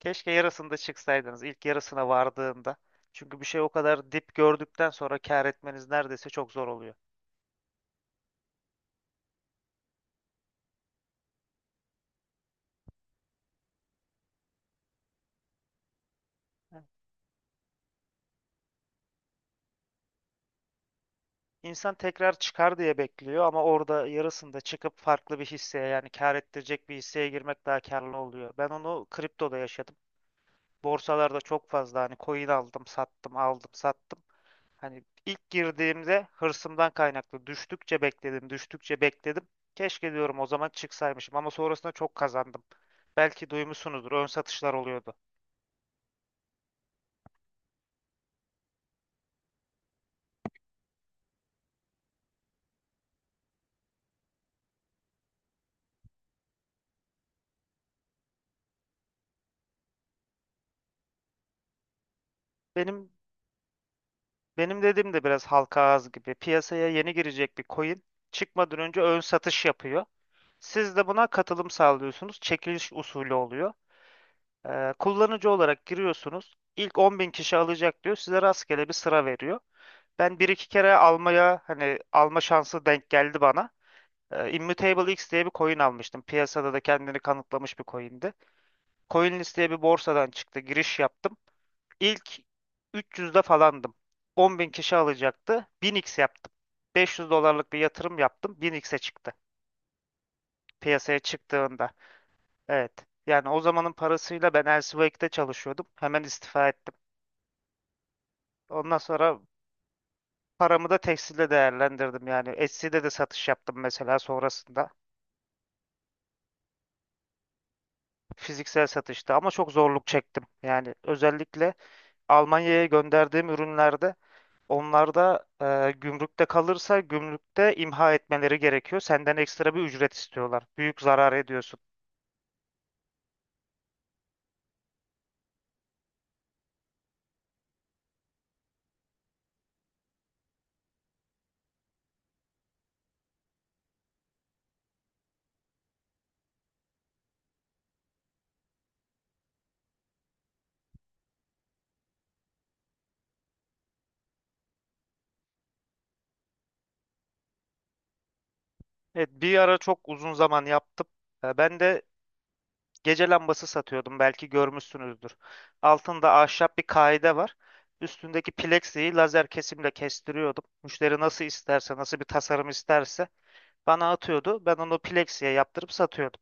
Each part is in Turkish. Keşke yarısında çıksaydınız, ilk yarısına vardığında. Çünkü bir şey o kadar dip gördükten sonra kâr etmeniz neredeyse çok zor oluyor. Evet. İnsan tekrar çıkar diye bekliyor ama orada yarısında çıkıp farklı bir hisseye, yani kâr ettirecek bir hisseye girmek daha kârlı oluyor. Ben onu kriptoda yaşadım. Borsalarda çok fazla hani coin aldım, sattım, aldım, sattım. Hani ilk girdiğimde hırsımdan kaynaklı düştükçe bekledim, düştükçe bekledim. Keşke diyorum o zaman çıksaymışım ama sonrasında çok kazandım. Belki duymuşsunuzdur, ön satışlar oluyordu. Benim benim dediğim de biraz halka ağız gibi. Piyasaya yeni girecek bir coin çıkmadan önce ön satış yapıyor. Siz de buna katılım sağlıyorsunuz. Çekiliş usulü oluyor. Kullanıcı olarak giriyorsunuz. İlk 10.000 kişi alacak diyor. Size rastgele bir sıra veriyor. Ben bir iki kere almaya hani alma şansı denk geldi bana. Immutable X diye bir coin almıştım. Piyasada da kendini kanıtlamış bir coin'di. CoinList diye bir borsadan çıktı. Giriş yaptım. İlk 300'de falandım. 10.000 kişi alacaktı. 1000x yaptım. 500 dolarlık bir yatırım yaptım. 1000x'e çıktı. Piyasaya çıktığında. Evet. Yani o zamanın parasıyla ben Elsewek'te çalışıyordum. Hemen istifa ettim. Ondan sonra paramı da tekstilde değerlendirdim. Yani Etsy'de de satış yaptım mesela sonrasında. Fiziksel satışta ama çok zorluk çektim. Yani özellikle Almanya'ya gönderdiğim ürünlerde onlarda gümrükte kalırsa gümrükte imha etmeleri gerekiyor. Senden ekstra bir ücret istiyorlar. Büyük zarar ediyorsun. Evet, bir ara çok uzun zaman yaptım. Ben de gece lambası satıyordum. Belki görmüşsünüzdür. Altında ahşap bir kaide var. Üstündeki plexiyi lazer kesimle kestiriyordum. Müşteri nasıl isterse, nasıl bir tasarım isterse bana atıyordu. Ben onu plexiye yaptırıp satıyordum.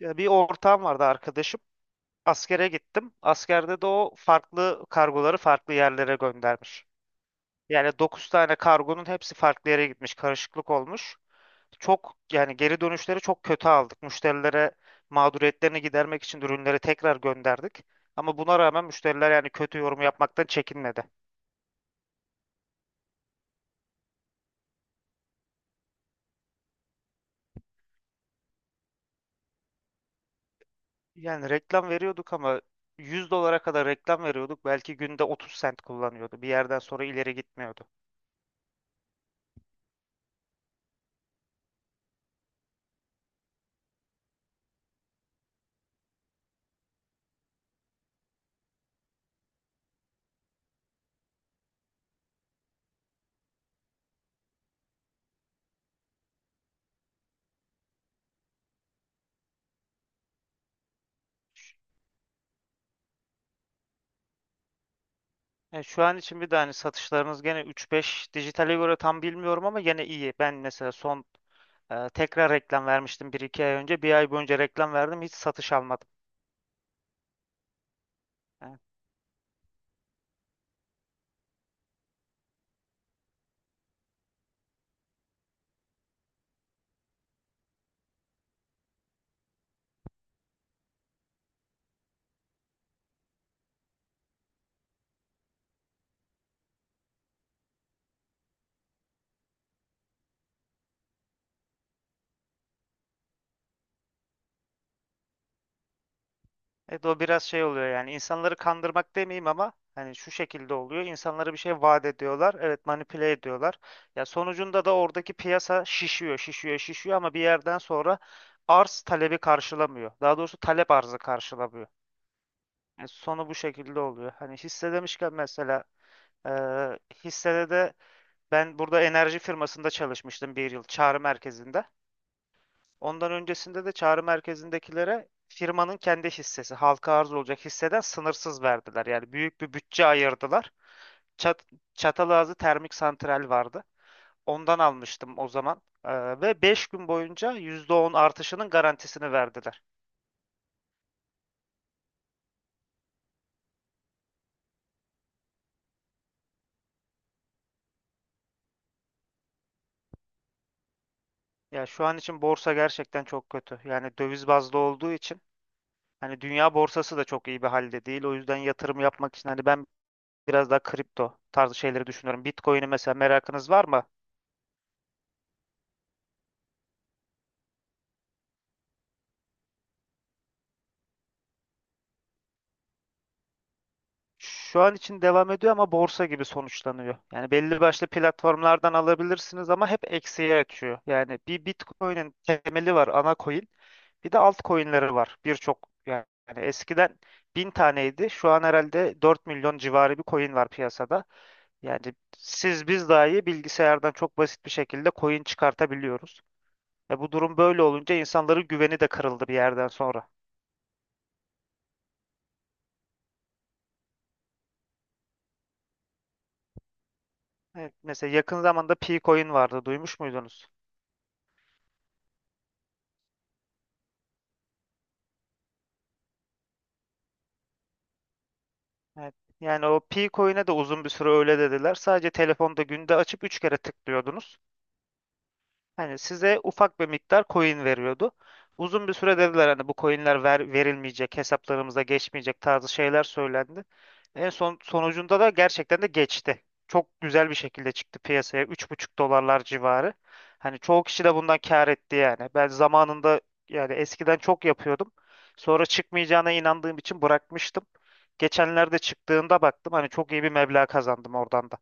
Ya bir ortağım vardı, arkadaşım. Askere gittim. Askerde de o farklı kargoları farklı yerlere göndermiş. Yani 9 tane kargonun hepsi farklı yere gitmiş. Karışıklık olmuş. Çok yani geri dönüşleri çok kötü aldık. Müşterilere mağduriyetlerini gidermek için ürünleri tekrar gönderdik. Ama buna rağmen müşteriler yani kötü yorum yapmaktan çekinmedi. Yani reklam veriyorduk ama 100 dolara kadar reklam veriyorduk. Belki günde 30 sent kullanıyordu. Bir yerden sonra ileri gitmiyordu. Yani şu an için bir de hani satışlarınız gene üç beş dijitale göre tam bilmiyorum ama gene iyi. Ben mesela son tekrar reklam vermiştim bir iki ay önce. Bir ay boyunca reklam verdim, hiç satış almadım. Evet, o biraz şey oluyor yani insanları kandırmak demeyeyim ama hani şu şekilde oluyor. İnsanlara bir şey vaat ediyorlar. Evet, manipüle ediyorlar. Ya sonucunda da oradaki piyasa şişiyor, şişiyor, şişiyor ama bir yerden sonra arz talebi karşılamıyor. Daha doğrusu talep arzı karşılamıyor. Yani sonu bu şekilde oluyor. Hani hisse demişken mesela e, hissede de ben burada enerji firmasında çalışmıştım bir yıl çağrı merkezinde. Ondan öncesinde de çağrı merkezindekilere firmanın kendi hissesi, halka arz olacak hisseden sınırsız verdiler. Yani büyük bir bütçe ayırdılar. Çat Çatalazı Termik Santral vardı. Ondan almıştım o zaman. Ve 5 gün boyunca %10 artışının garantisini verdiler. Ya şu an için borsa gerçekten çok kötü. Yani döviz bazlı olduğu için hani dünya borsası da çok iyi bir halde değil. O yüzden yatırım yapmak için hani ben biraz daha kripto tarzı şeyleri düşünüyorum. Bitcoin'i mesela, merakınız var mı? Şu an için devam ediyor ama borsa gibi sonuçlanıyor. Yani belli başlı platformlardan alabilirsiniz ama hep eksiye açıyor. Yani bir Bitcoin'in temeli var, ana coin. Bir de altcoin'leri var. Birçok yani eskiden 1000 taneydi. Şu an herhalde 4 milyon civarı bir coin var piyasada. Yani siz biz dahi bilgisayardan çok basit bir şekilde coin çıkartabiliyoruz. E bu durum böyle olunca insanların güveni de kırıldı bir yerden sonra. Evet, mesela yakın zamanda P-Coin vardı. Duymuş muydunuz? Evet. Yani o pi coin'e de uzun bir süre öyle dediler. Sadece telefonda günde açıp 3 kere tıklıyordunuz. Hani size ufak bir miktar coin veriyordu. Uzun bir süre dediler hani bu coinler ver, verilmeyecek, hesaplarımıza geçmeyecek tarzı şeyler söylendi. En son sonucunda da gerçekten de geçti. Çok güzel bir şekilde çıktı piyasaya 3,5 dolarlar civarı. Hani çoğu kişi de bundan kâr etti yani. Ben zamanında yani eskiden çok yapıyordum. Sonra çıkmayacağına inandığım için bırakmıştım. Geçenlerde çıktığında baktım, hani çok iyi bir meblağ kazandım oradan da.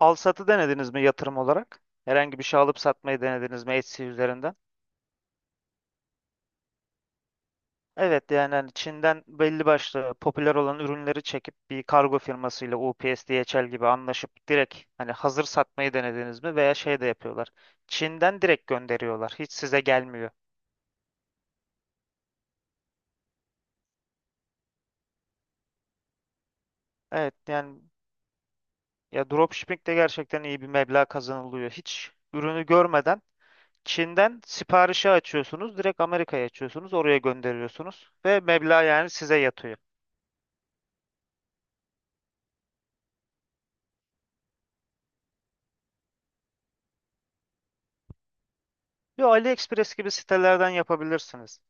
Al satı denediniz mi yatırım olarak? Herhangi bir şey alıp satmayı denediniz mi Etsy üzerinden? Evet yani hani Çin'den belli başlı popüler olan ürünleri çekip bir kargo firmasıyla UPS, DHL gibi anlaşıp direkt hani hazır satmayı denediniz mi? Veya şey de yapıyorlar. Çin'den direkt gönderiyorlar. Hiç size gelmiyor. Evet yani ya, dropshipping de gerçekten iyi bir meblağ kazanılıyor. Hiç ürünü görmeden Çin'den siparişi açıyorsunuz, direkt Amerika'ya açıyorsunuz, oraya gönderiyorsunuz ve meblağ yani size yatıyor. Yo, AliExpress gibi sitelerden yapabilirsiniz.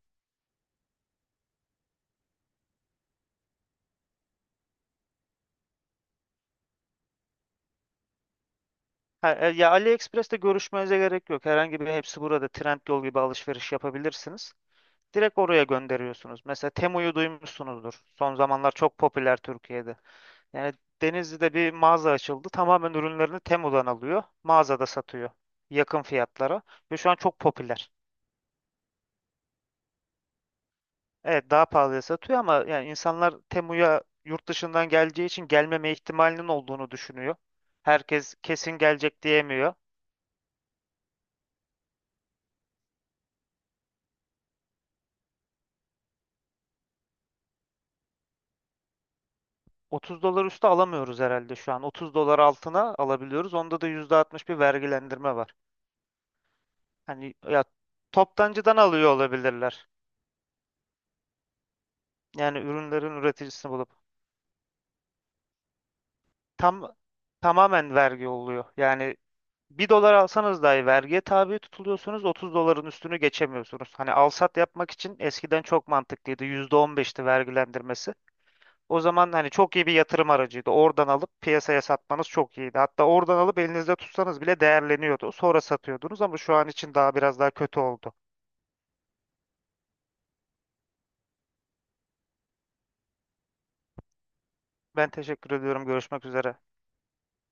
Ha, ya AliExpress'te görüşmenize gerek yok. Herhangi bir hepsi, burada Trendyol gibi alışveriş yapabilirsiniz. Direkt oraya gönderiyorsunuz. Mesela Temu'yu duymuşsunuzdur. Son zamanlar çok popüler Türkiye'de. Yani Denizli'de bir mağaza açıldı. Tamamen ürünlerini Temu'dan alıyor. Mağazada satıyor. Yakın fiyatlara. Ve şu an çok popüler. Evet, daha pahalıya satıyor ama yani insanlar Temu'ya yurt dışından geleceği için gelmeme ihtimalinin olduğunu düşünüyor. Herkes kesin gelecek diyemiyor. 30 dolar üstü alamıyoruz herhalde şu an. 30 dolar altına alabiliyoruz. Onda da %60 bir vergilendirme var. Hani ya, toptancıdan alıyor olabilirler. Yani ürünlerin üreticisini bulup tam tamamen vergi oluyor. Yani bir dolar alsanız dahi vergiye tabi tutuluyorsunuz. 30 doların üstünü geçemiyorsunuz. Hani alsat yapmak için eskiden çok mantıklıydı. %15'ti vergilendirmesi. O zaman hani çok iyi bir yatırım aracıydı. Oradan alıp piyasaya satmanız çok iyiydi. Hatta oradan alıp elinizde tutsanız bile değerleniyordu. Sonra satıyordunuz ama şu an için daha biraz daha kötü oldu. Ben teşekkür ediyorum. Görüşmek üzere.